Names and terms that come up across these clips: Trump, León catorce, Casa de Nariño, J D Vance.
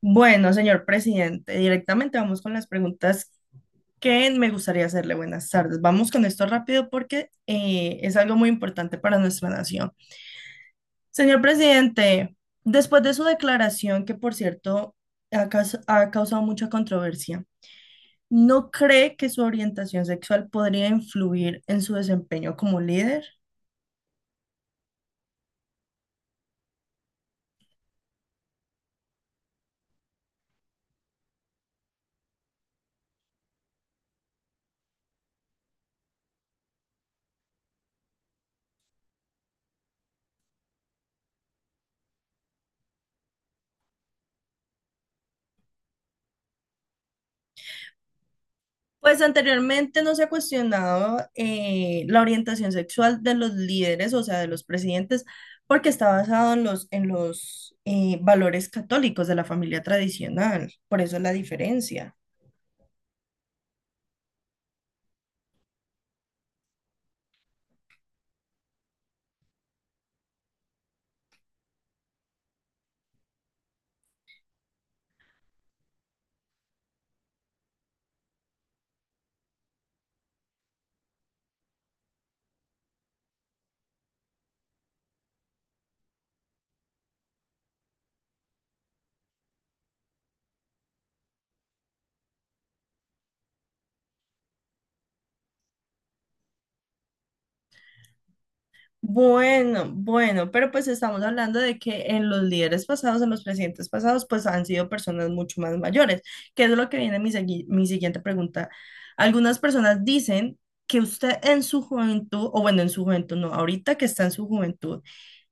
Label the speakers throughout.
Speaker 1: Bueno, señor presidente, directamente vamos con las preguntas que me gustaría hacerle. Buenas tardes. Vamos con esto rápido porque es algo muy importante para nuestra nación. Señor presidente, después de su declaración, que por cierto ha causado mucha controversia, ¿no cree que su orientación sexual podría influir en su desempeño como líder? Pues anteriormente no se ha cuestionado la orientación sexual de los líderes, o sea, de los presidentes, porque está basado en los valores católicos de la familia tradicional. Por eso la diferencia. Bueno, bueno, pero pues estamos hablando de que en los líderes pasados, en los presidentes pasados, pues han sido personas mucho más mayores, que es lo que viene mi siguiente pregunta. Algunas personas dicen que usted en su juventud, o bueno, en su juventud, no, ahorita que está en su juventud,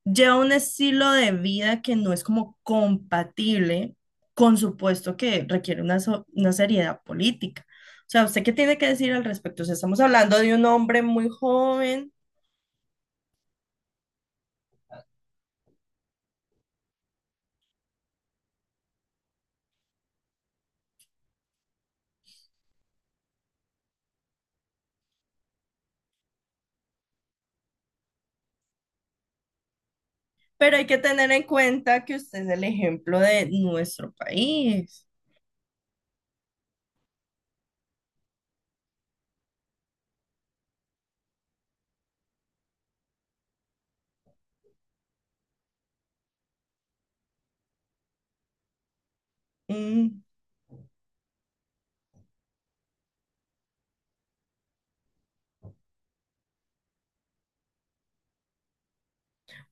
Speaker 1: lleva un estilo de vida que no es como compatible con su puesto que requiere una seriedad política. O sea, ¿usted qué tiene que decir al respecto? O sea, estamos hablando de un hombre muy joven, pero hay que tener en cuenta que usted es el ejemplo de nuestro país. Mm.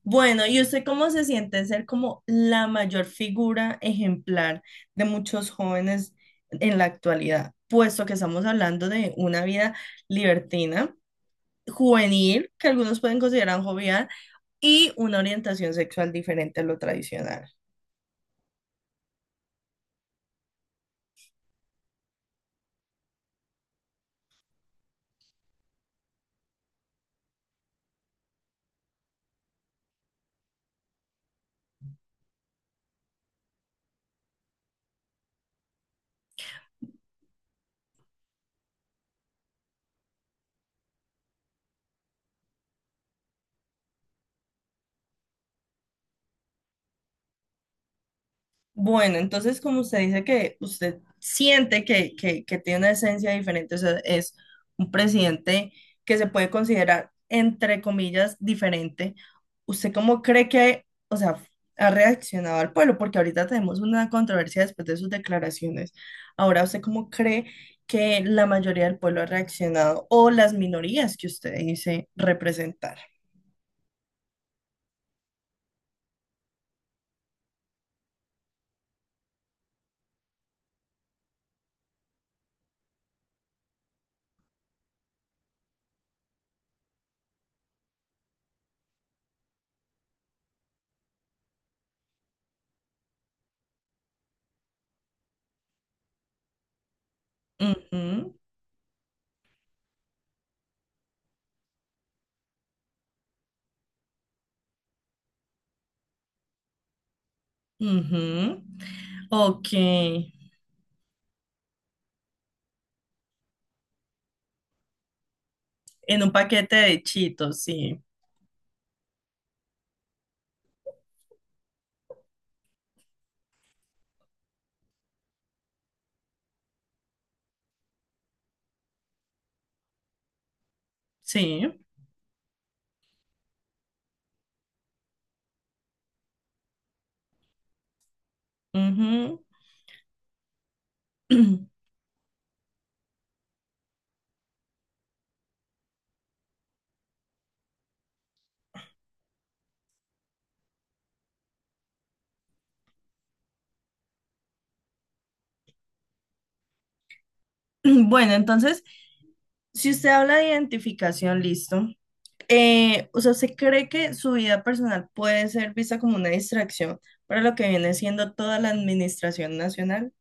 Speaker 1: Bueno, ¿y usted cómo se siente ser como la mayor figura ejemplar de muchos jóvenes en la actualidad? Puesto que estamos hablando de una vida libertina juvenil, que algunos pueden considerar jovial, y una orientación sexual diferente a lo tradicional. Bueno, entonces como usted dice que usted siente que tiene una esencia diferente, o sea, es un presidente que se puede considerar, entre comillas, diferente, ¿usted cómo cree que, o sea, ha reaccionado al pueblo? Porque ahorita tenemos una controversia después de sus declaraciones. Ahora, ¿usted cómo cree que la mayoría del pueblo ha reaccionado o las minorías que usted dice representar? Ujú, ujú. OK, en un paquete de chitos, sí. Sí. Ujú. Bueno, entonces, si usted habla de identificación, listo. O sea, ¿usted cree que su vida personal puede ser vista como una distracción para lo que viene siendo toda la administración nacional?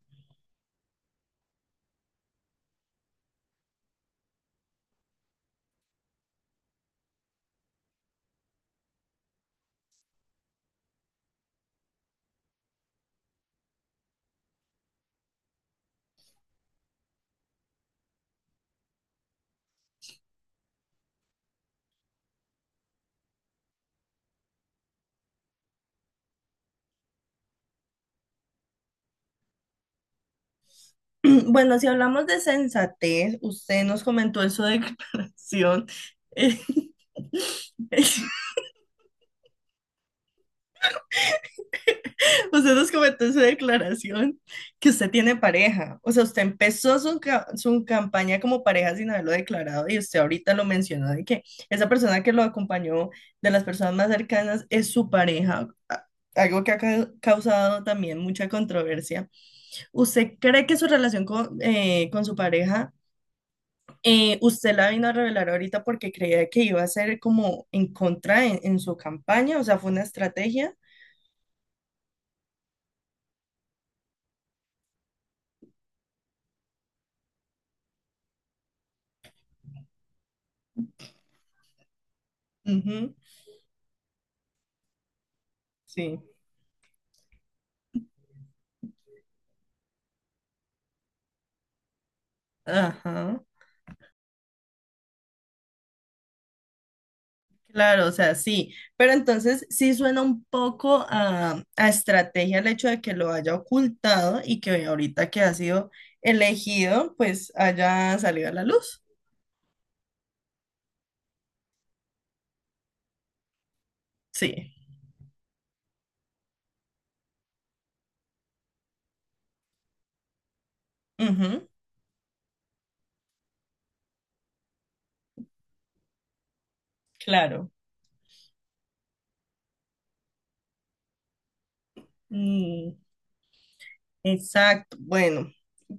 Speaker 1: Bueno, si hablamos de sensatez, usted nos comentó en su declaración. eh, Usted nos comentó en su declaración que usted tiene pareja. O sea, usted empezó su campaña como pareja sin haberlo declarado y usted ahorita lo mencionó de que esa persona que lo acompañó de las personas más cercanas es su pareja. Algo que ha causado también mucha controversia. ¿Usted cree que su relación con su pareja, usted la vino a revelar ahorita porque creía que iba a ser como en contra en su campaña? O sea, fue una estrategia. Ujú, sí. Ajá. Claro, o sea, sí, pero entonces sí suena un poco a estrategia el hecho de que lo haya ocultado y que ahorita que ha sido elegido, pues haya salido a la luz. Sí, ujú, claro. Mm, exacto, bueno,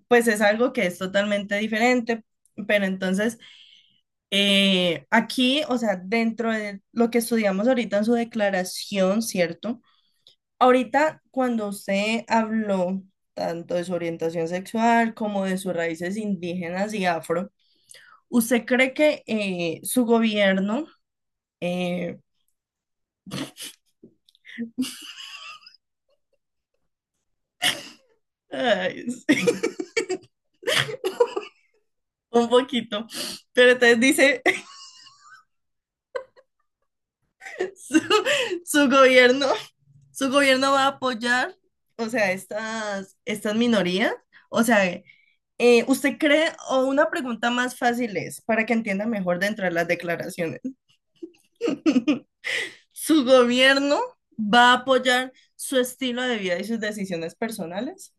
Speaker 1: pues es algo que es totalmente diferente, pero entonces aquí, o sea, dentro de lo que estudiamos ahorita en su declaración, ¿cierto? Ahorita, cuando se habló tanto de su orientación sexual como de sus raíces indígenas y afro, ¿usted cree que su gobierno, eh, ay, sí, un poquito, pero entonces dice, su, su gobierno, su gobierno va a apoyar, o sea, estas minorías? O sea, ¿usted cree, o una pregunta más fácil es, para que entienda mejor dentro de las declaraciones? Su gobierno va a apoyar su estilo de vida y sus decisiones personales.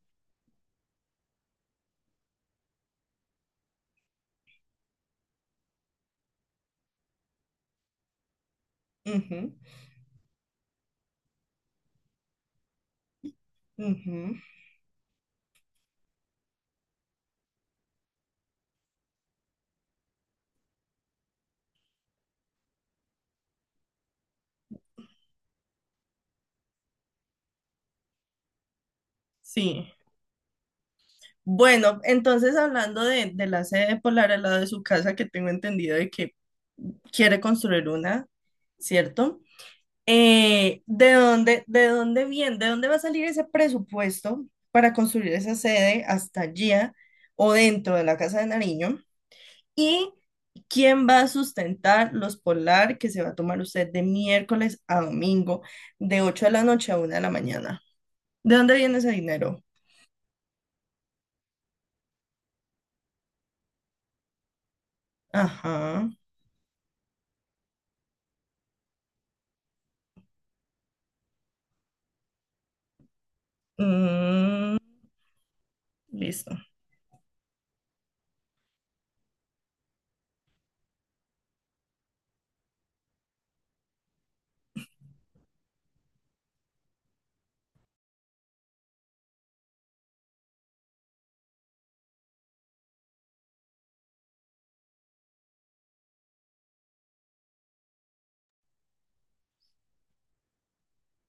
Speaker 1: Ujú, ujú, sí. Bueno, entonces hablando de la sede polar al lado de su casa, que tengo entendido de que quiere construir una, ¿cierto? ¿De dónde, de dónde viene, de dónde va a salir ese presupuesto para construir esa sede hasta allí o dentro de la Casa de Nariño? ¿Y quién va a sustentar los polar que se va a tomar usted de miércoles a domingo, de 8 de la noche a 1 de la mañana? ¿De dónde viene ese dinero? Ajá. Mm, listo.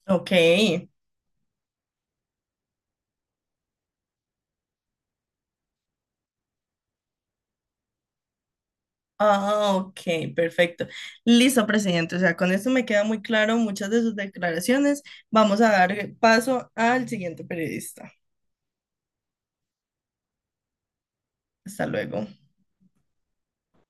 Speaker 1: OK. Ah, OK, perfecto. Listo, presidente. O sea, con esto me queda muy claro muchas de sus declaraciones. Vamos a dar paso al siguiente periodista. Hasta luego.